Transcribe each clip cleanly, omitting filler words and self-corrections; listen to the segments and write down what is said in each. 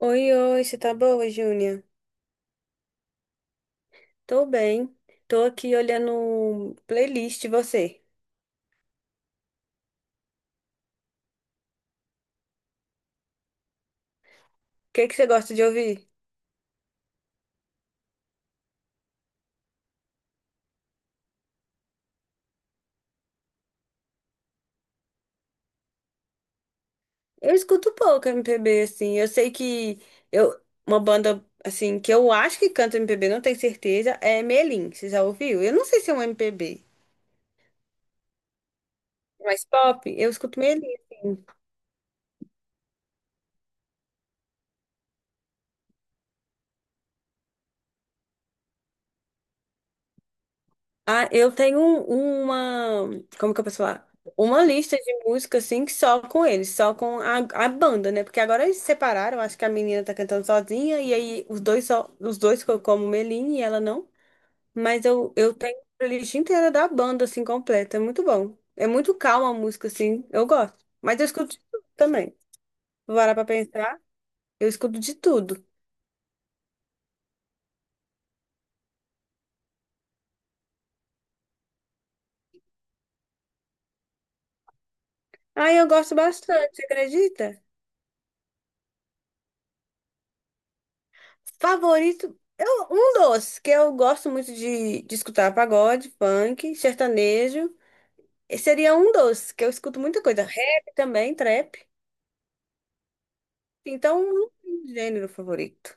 Oi, oi, você tá boa, Júnia? Tô bem. Tô aqui olhando playlist, e você. O que que você gosta de ouvir? Eu escuto pouco MPB, assim. Eu sei que eu, uma banda, assim, que eu acho que canta MPB, não tenho certeza, é Melim. Você já ouviu? Eu não sei se é um MPB. Mas pop, eu escuto Melim, assim. Ah, eu tenho uma. Como que eu posso falar? Uma lista de música, assim, que só com eles, só com a banda, né? Porque agora eles se separaram, acho que a menina tá cantando sozinha, e aí os dois só, os dois ficam como Meline e ela não. Mas eu tenho a playlist inteira da banda, assim, completa. É muito bom. É muito calma a música, assim, eu gosto. Mas eu escuto de tudo também. Vou parar pra pensar, eu escuto de tudo. Aí eu gosto bastante, você acredita? Favorito, eu, um dos que eu gosto muito de escutar pagode, funk, sertanejo. Esse seria um dos que eu escuto muita coisa. Rap também, trap. Então, não tem gênero favorito.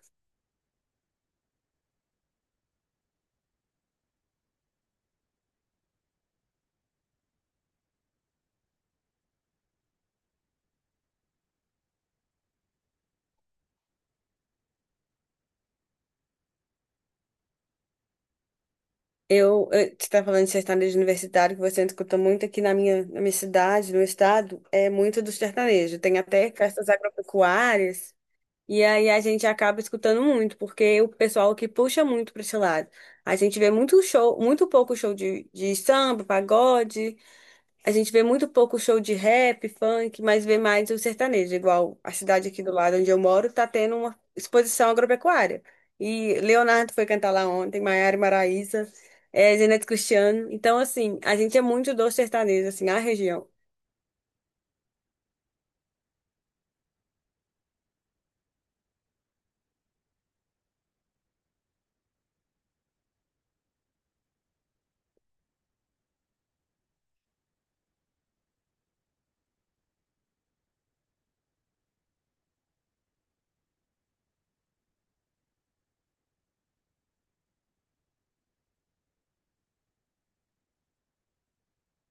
Você está falando de sertanejo universitário, que você escuta muito aqui na minha cidade, no meu estado, é muito do sertanejo. Tem até festas agropecuárias. E aí a gente acaba escutando muito, porque o pessoal que puxa muito para esse lado. A gente vê muito show, muito pouco show de samba, pagode, a gente vê muito pouco show de rap, funk, mas vê mais o sertanejo, igual a cidade aqui do lado onde eu moro tá tendo uma exposição agropecuária. E Leonardo foi cantar lá ontem, Maiara e Maraísa, é, Zeneto Cristiano. Então, assim, a gente é muito do sertanejo, assim, a região.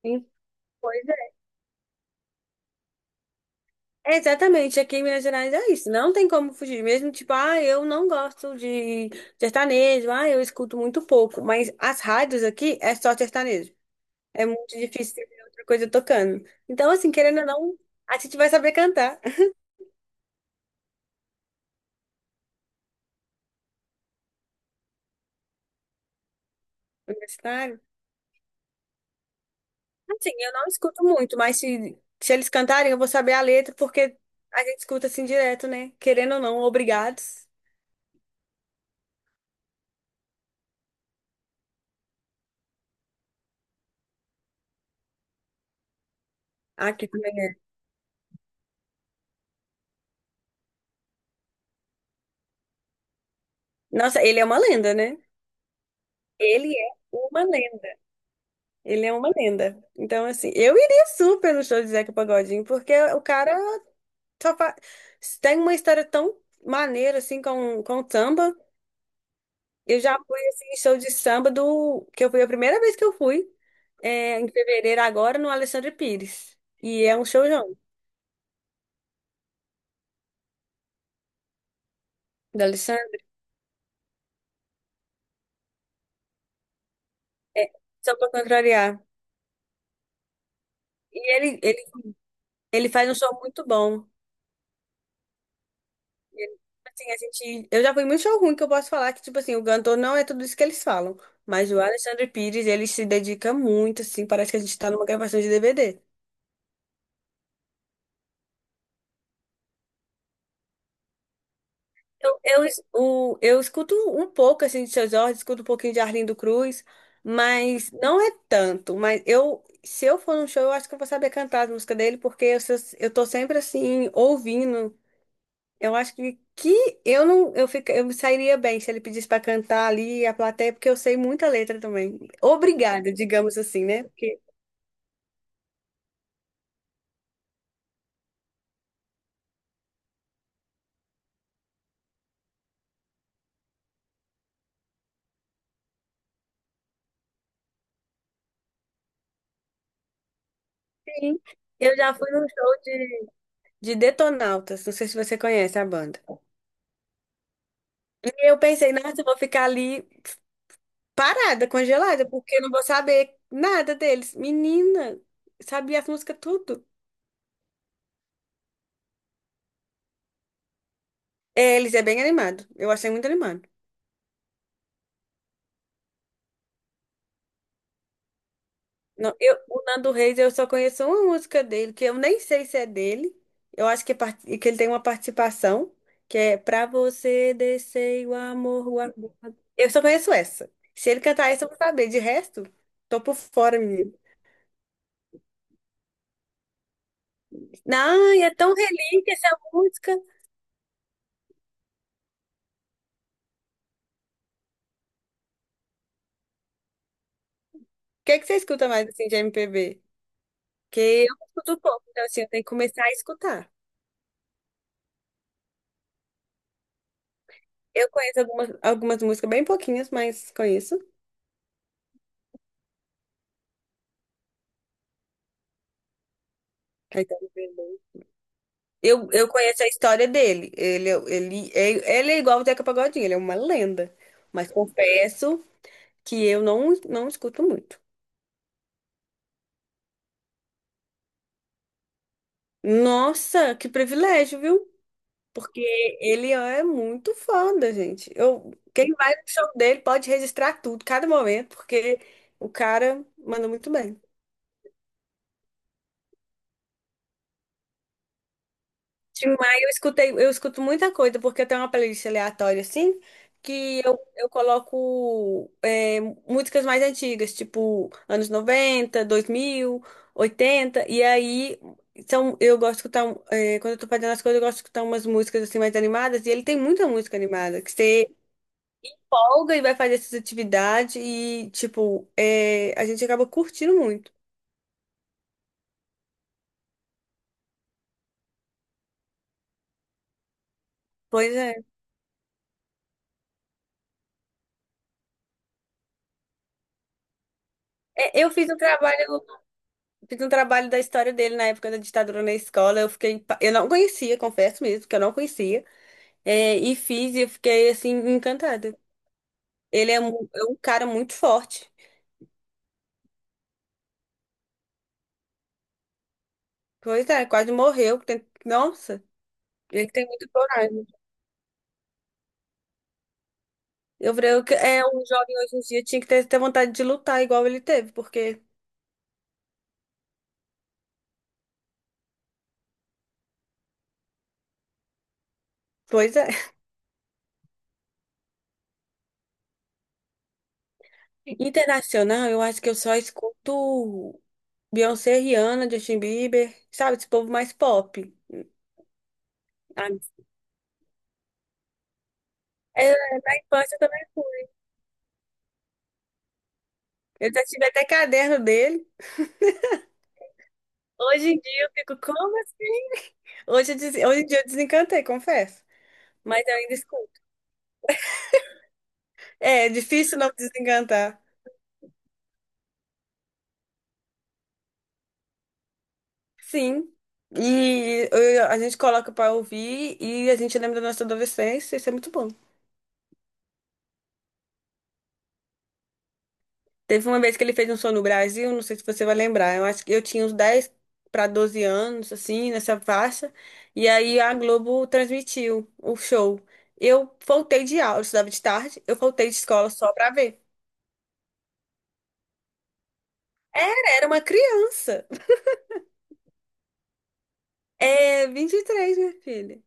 Sim. É, exatamente, aqui em Minas Gerais é isso, não tem como fugir, mesmo tipo, ah, eu não gosto de sertanejo, ah, eu escuto muito pouco, mas as rádios aqui é só sertanejo, é muito difícil ter outra coisa tocando. Então, assim, querendo ou não, a gente vai saber cantar. Universitário? Assim, eu não escuto muito, mas se eles cantarem, eu vou saber a letra, porque a gente escuta assim direto, né? Querendo ou não, obrigados. Aqui também é. Nossa, ele é uma lenda, né? Ele é uma lenda. Ele é uma lenda. Então, assim, eu iria super no show de Zeca Pagodinho, porque o cara só tem uma história tão maneira, assim, com o samba. Eu já fui, assim, em show de samba do. Que eu fui a primeira vez que eu fui, é, em fevereiro agora, no Alexandre Pires. E é um showzão do Alexandre, é, só pra contrariar. E ele faz um show muito bom. Assim, eu já fui em muito show ruim que eu posso falar que, tipo assim, o cantor não é tudo isso que eles falam. Mas o Alexandre Pires, ele se dedica muito, assim, parece que a gente tá numa gravação de DVD. Eu escuto um pouco, assim, de Seu Jorge, escuto um pouquinho de Arlindo Cruz, mas não é tanto. Mas eu, se eu for num show, eu acho que eu vou saber cantar as músicas dele, porque eu tô sempre, assim, ouvindo. Eu acho que eu não eu, fica, eu me sairia bem se ele pedisse para cantar ali a plateia, porque eu sei muita letra também. Obrigada, digamos assim, né? Porque sim, eu já fui num show de Detonautas, não sei se você conhece a banda. E eu pensei, nossa, eu vou ficar ali parada, congelada, porque eu não vou saber nada deles. Menina, sabia as músicas tudo. É, eles é bem animado. Eu achei muito animado. Não, eu, o Nando Reis, eu só conheço uma música dele, que eu nem sei se é dele. Eu acho que ele tem uma participação, que é Pra você descer o amor, o amor. Eu só conheço essa. Se ele cantar essa, eu vou saber. De resto, tô por fora, menino. Não, e é tão relíquia essa música. O que é que você escuta mais, assim, de MPB? Que eu escuto pouco, então, assim, eu tenho que começar a escutar. Eu conheço algumas músicas bem pouquinhas, mas conheço. Caetano Veloso. Eu conheço a história dele. Ele é igual o Zeca Pagodinho, ele é uma lenda. Mas confesso que eu não escuto muito. Nossa, que privilégio, viu? Porque ele é muito foda, gente. Quem vai no show dele pode registrar tudo, cada momento, porque o cara manda muito bem. Tim Maia, eu escutei, eu escuto muita coisa, porque eu tenho uma playlist aleatória, assim, que eu coloco é, músicas mais antigas, tipo anos noventa dois mil oitenta e aí são, eu gosto de escutar, é, quando eu tô fazendo as coisas, eu gosto de escutar umas músicas assim mais animadas, e ele tem muita música animada, que você folga e vai fazer essas atividades, e tipo, é, a gente acaba curtindo muito. Pois é. É, eu fiz um trabalho. Fiz um trabalho da história dele na época da ditadura na escola. Eu não conhecia, confesso mesmo, que eu não conhecia. É, e fiz e eu fiquei assim encantada. Ele é um cara muito forte. Pois é, quase morreu. Nossa, ele tem muito coragem. Eu falei, é um jovem hoje em dia tinha que ter, vontade de lutar igual ele teve, porque, pois é. Internacional, eu acho que eu só escuto Beyoncé, Rihanna, Justin Bieber, sabe, esse povo mais pop. Ah, é, na infância também. Eu já tive até caderno dele. Hoje em dia eu fico, como assim? Hoje em dia eu desencantei, confesso. Mas eu ainda escuto. É, é difícil não desencantar. Sim. A gente coloca pra ouvir e a gente lembra da nossa adolescência. Isso é muito bom. Teve uma vez que ele fez um show no Brasil, não sei se você vai lembrar. Eu acho que eu tinha uns 10 para 12 anos, assim, nessa faixa. E aí a Globo transmitiu o show. Eu faltei de aula, eu estudava de tarde, eu faltei de escola só pra ver. Era uma criança. É, 23 minha filha.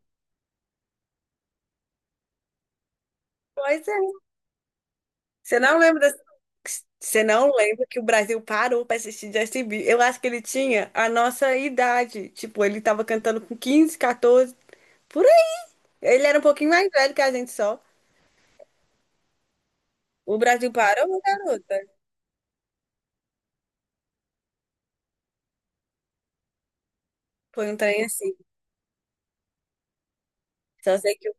Pois é. Você não lembra dessa. Você não lembra que o Brasil parou pra assistir Justin Bieber. Eu acho que ele tinha a nossa idade. Tipo, ele tava cantando com 15 14, por aí. Ele era um pouquinho mais velho que a gente só. O Brasil parou, garota. Foi um trem assim. Só sei que.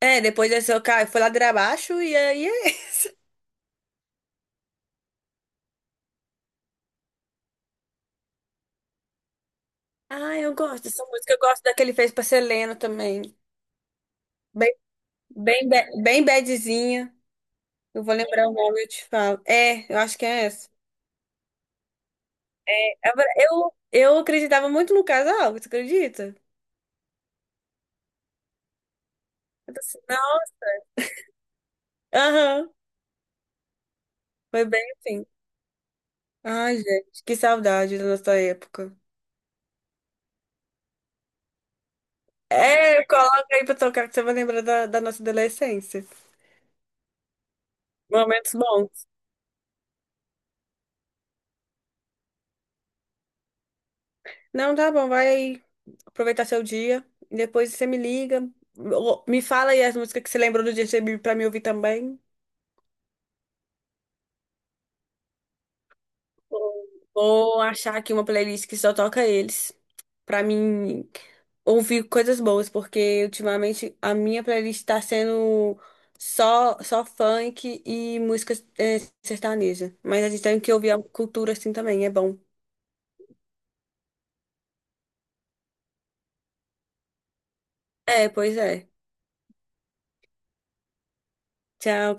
É, depois desse eu caí, foi ladeira abaixo e aí é isso. Ah, eu gosto dessa música. Eu gosto da que ele fez pra Selena também. Bem, bem badzinha. Eu vou lembrar o nome, eu te falo. É, eu acho que é essa. Agora, eu acreditava muito no casal, você acredita? Eu tô assim, não, aham, foi bem assim. Ai, gente, que saudade da nossa época. É, coloca aí pra tocar que você vai lembrar da nossa adolescência. Momentos bons. Não, tá bom, vai aí aproveitar seu dia. E depois você me liga. Me fala aí as músicas que você lembrou do dia que você veio pra me ouvir também. Vou achar aqui uma playlist que só toca eles, pra mim ouvir coisas boas, porque ultimamente a minha playlist tá sendo só funk e música sertaneja. Mas a gente tem que ouvir a cultura assim também, é bom. É, pois é. Tchau.